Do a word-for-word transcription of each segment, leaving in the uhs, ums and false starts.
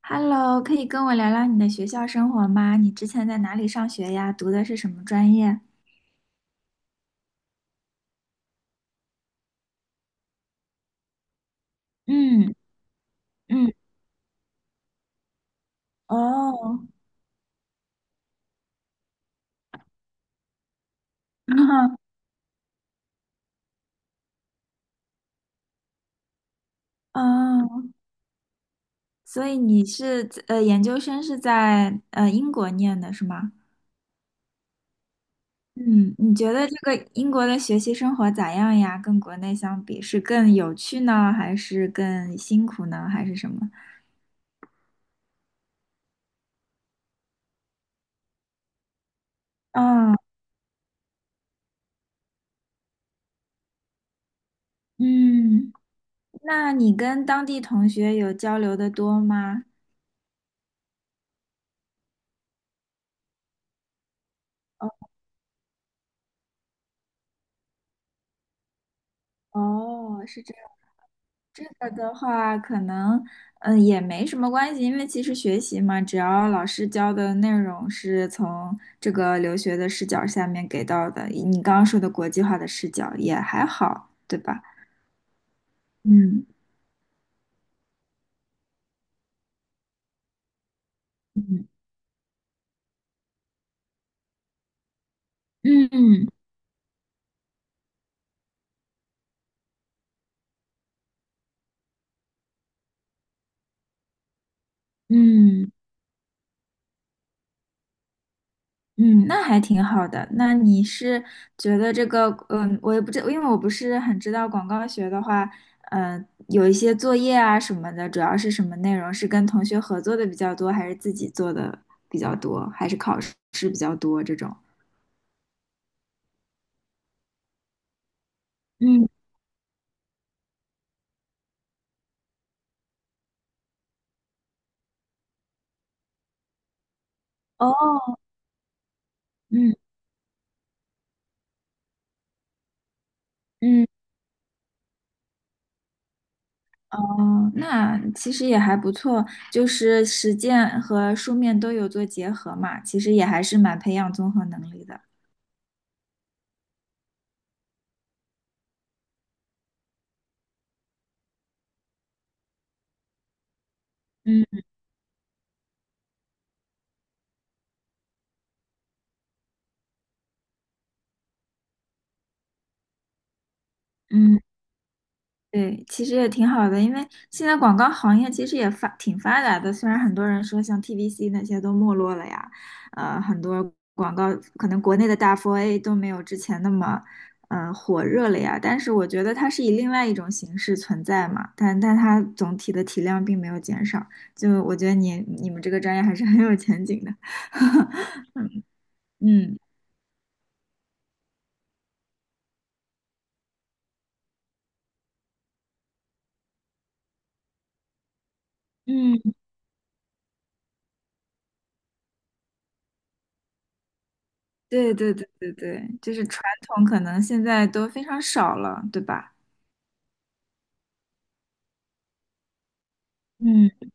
Hello，可以跟我聊聊你的学校生活吗？你之前在哪里上学呀？读的是什么专业？嗯嗯，哦，哦，所以你是在呃研究生是在呃英国念的是吗？嗯，你觉得这个英国的学习生活咋样呀？跟国内相比，是更有趣呢，还是更辛苦呢，还是什么？哦，嗯，那你跟当地同学有交流的多吗？哦，哦是这。这个的话，可能嗯、呃也没什么关系，因为其实学习嘛，只要老师教的内容是从这个留学的视角下面给到的，你刚刚说的国际化的视角也还好，对吧？嗯嗯嗯嗯。嗯，那还挺好的。那你是觉得这个，嗯，我也不知，因为我不是很知道广告学的话，嗯，有一些作业啊什么的，主要是什么内容？是跟同学合作的比较多，还是自己做的比较多，还是考试比较多这种？嗯，哦，嗯嗯，哦，那其实也还不错，就是实践和书面都有做结合嘛，其实也还是蛮培养综合能力的。嗯嗯。对，其实也挺好的，因为现在广告行业其实也发挺发达的，虽然很多人说像 T V C 那些都没落了呀，呃，很多广告可能国内的大 四 A 都没有之前那么，呃，火热了呀，但是我觉得它是以另外一种形式存在嘛，但但它总体的体量并没有减少，就我觉得你你们这个专业还是 很有前景的，嗯。嗯，对对对对对，就是传统可能现在都非常少了，对吧？嗯。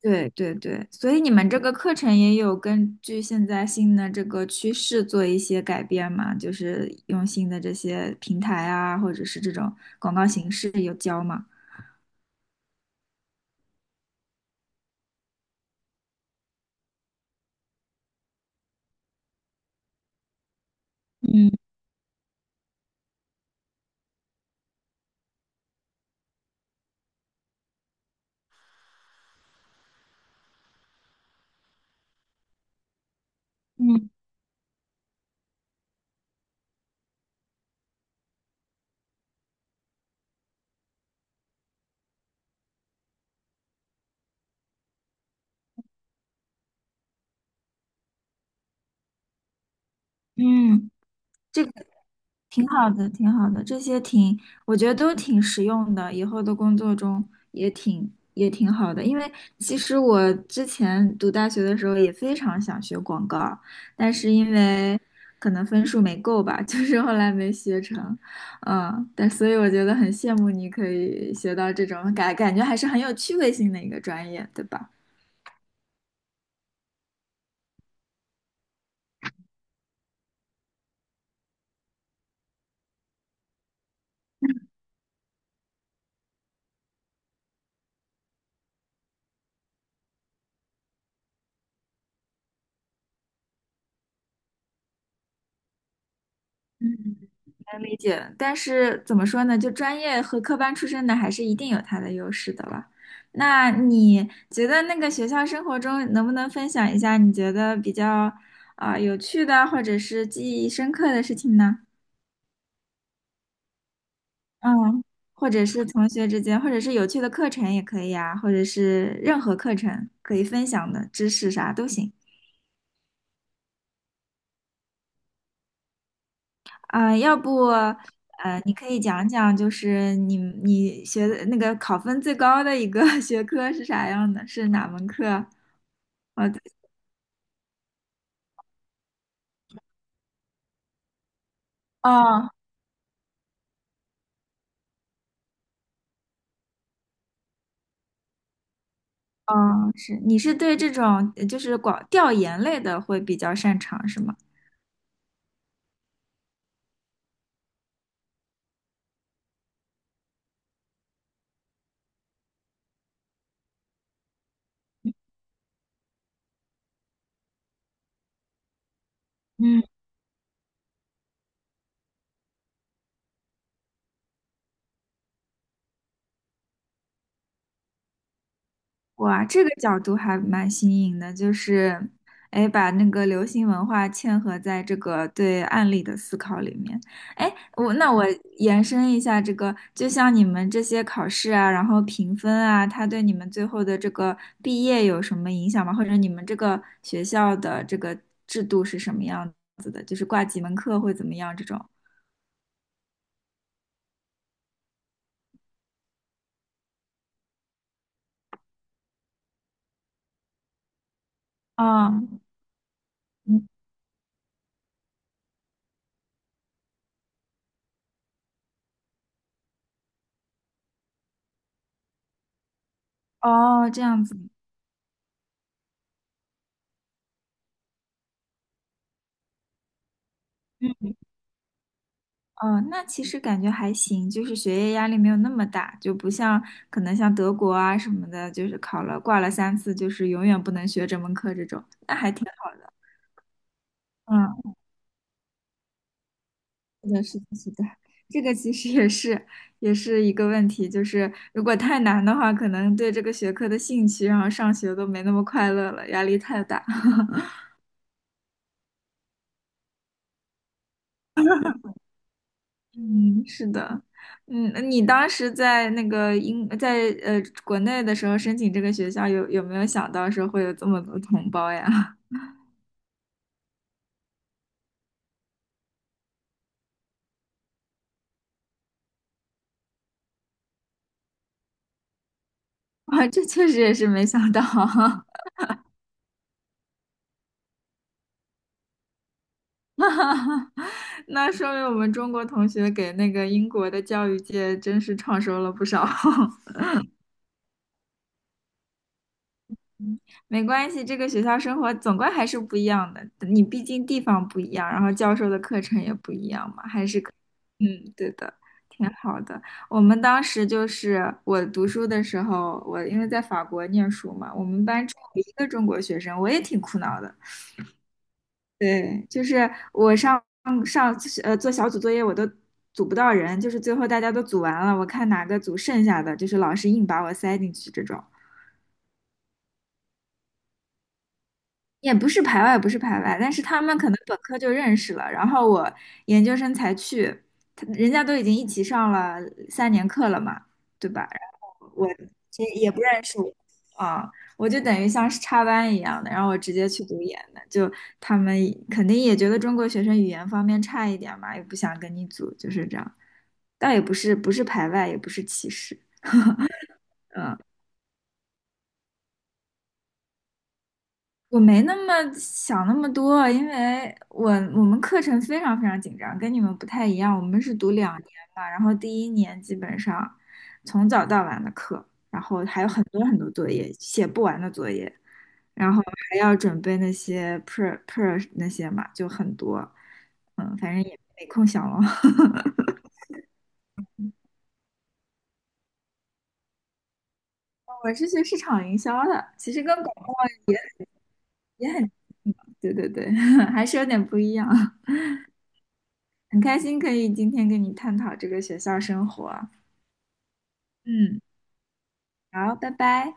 对对对，所以你们这个课程也有根据现在新的这个趋势做一些改变嘛？就是用新的这些平台啊，或者是这种广告形式有教吗？嗯嗯嗯，这挺好的，挺好的，这些挺，我觉得都挺实用的，以后的工作中也挺也挺好的。因为其实我之前读大学的时候也非常想学广告，但是因为可能分数没够吧，就是后来没学成。嗯，但所以我觉得很羡慕你可以学到这种感，感觉还是很有趣味性的一个专业，对吧？嗯。能理解，但是怎么说呢？就专业和科班出身的，还是一定有它的优势的了。那你觉得那个学校生活中，能不能分享一下你觉得比较啊、有趣的，或者是记忆深刻的事情呢？嗯，或者是同学之间，或者是有趣的课程也可以啊，或者是任何课程可以分享的知识啥都行。啊，要不呃，你可以讲讲，就是你你学的那个考分最高的一个 学科是啥样的？是哪门课啊？我在哦哦，是你是对这种呃就是广调研类的会比较擅长是吗？嗯。哇，这个角度还蛮新颖的，就是，哎，把那个流行文化嵌合在这个对案例的思考里面。哎，我那我延伸一下这个，就像你们这些考试啊，然后评分啊，它对你们最后的这个毕业有什么影响吗？或者你们这个学校的这个制度是什么样子的？就是挂几门课会怎么样这种？啊，嗯哦，这样子。嗯。哦，那其实感觉还行，就是学业压力没有那么大，就不像可能像德国啊什么的，就是考了挂了三次，就是永远不能学这门课这种，那还挺好。嗯，是的，是的，是的，这个其实也是也是一个问题，就是如果太难的话，可能对这个学科的兴趣，然后上学都没那么快乐了，压力太大。嗯，是的，嗯，那你当时在那个英，在呃国内的时候申请这个学校，有有没有想到说会有这么多同胞呀？啊，这确实也是没想到，那说明我们中国同学给那个英国的教育界真是创收了不少。嗯没关系，这个学校生活总归还是不一样的，你毕竟地方不一样，然后教授的课程也不一样嘛。嗯，对的，挺好的。我们当时就是我读书的时候，我因为在法国念书嘛，我们班只有一个中国学生，我也挺苦恼的。对，就是我上上呃做小组作业，我都组不到人，就是最后大家都组完了，我看哪个组剩下的，就是老师硬把我塞进去这种。也不是排外，不是排外，但是他们可能本科就认识了，然后我研究生才去，他人家都已经一起上了三年课了嘛，对吧？然后我其实也不认识我啊，我就等于像是插班一样的，然后我直接去读研的，就他们肯定也觉得中国学生语言方面差一点嘛，也不想跟你组，就是这样，倒也不是不是排外，也不是歧视。我没那么想那么多，因为我我们课程非常非常紧张，跟你们不太一样。我们是读两年嘛，然后第一年基本上从早到晚的课，然后还有很多很多作业，写不完的作业，然后还要准备那些 per per 那些嘛，就很多。嗯，反正也没空想了。我是学市场营销的，其实跟广告也很，对对对，还是有点不一样。很开心可以今天跟你探讨这个学校生活啊。嗯，好，拜拜。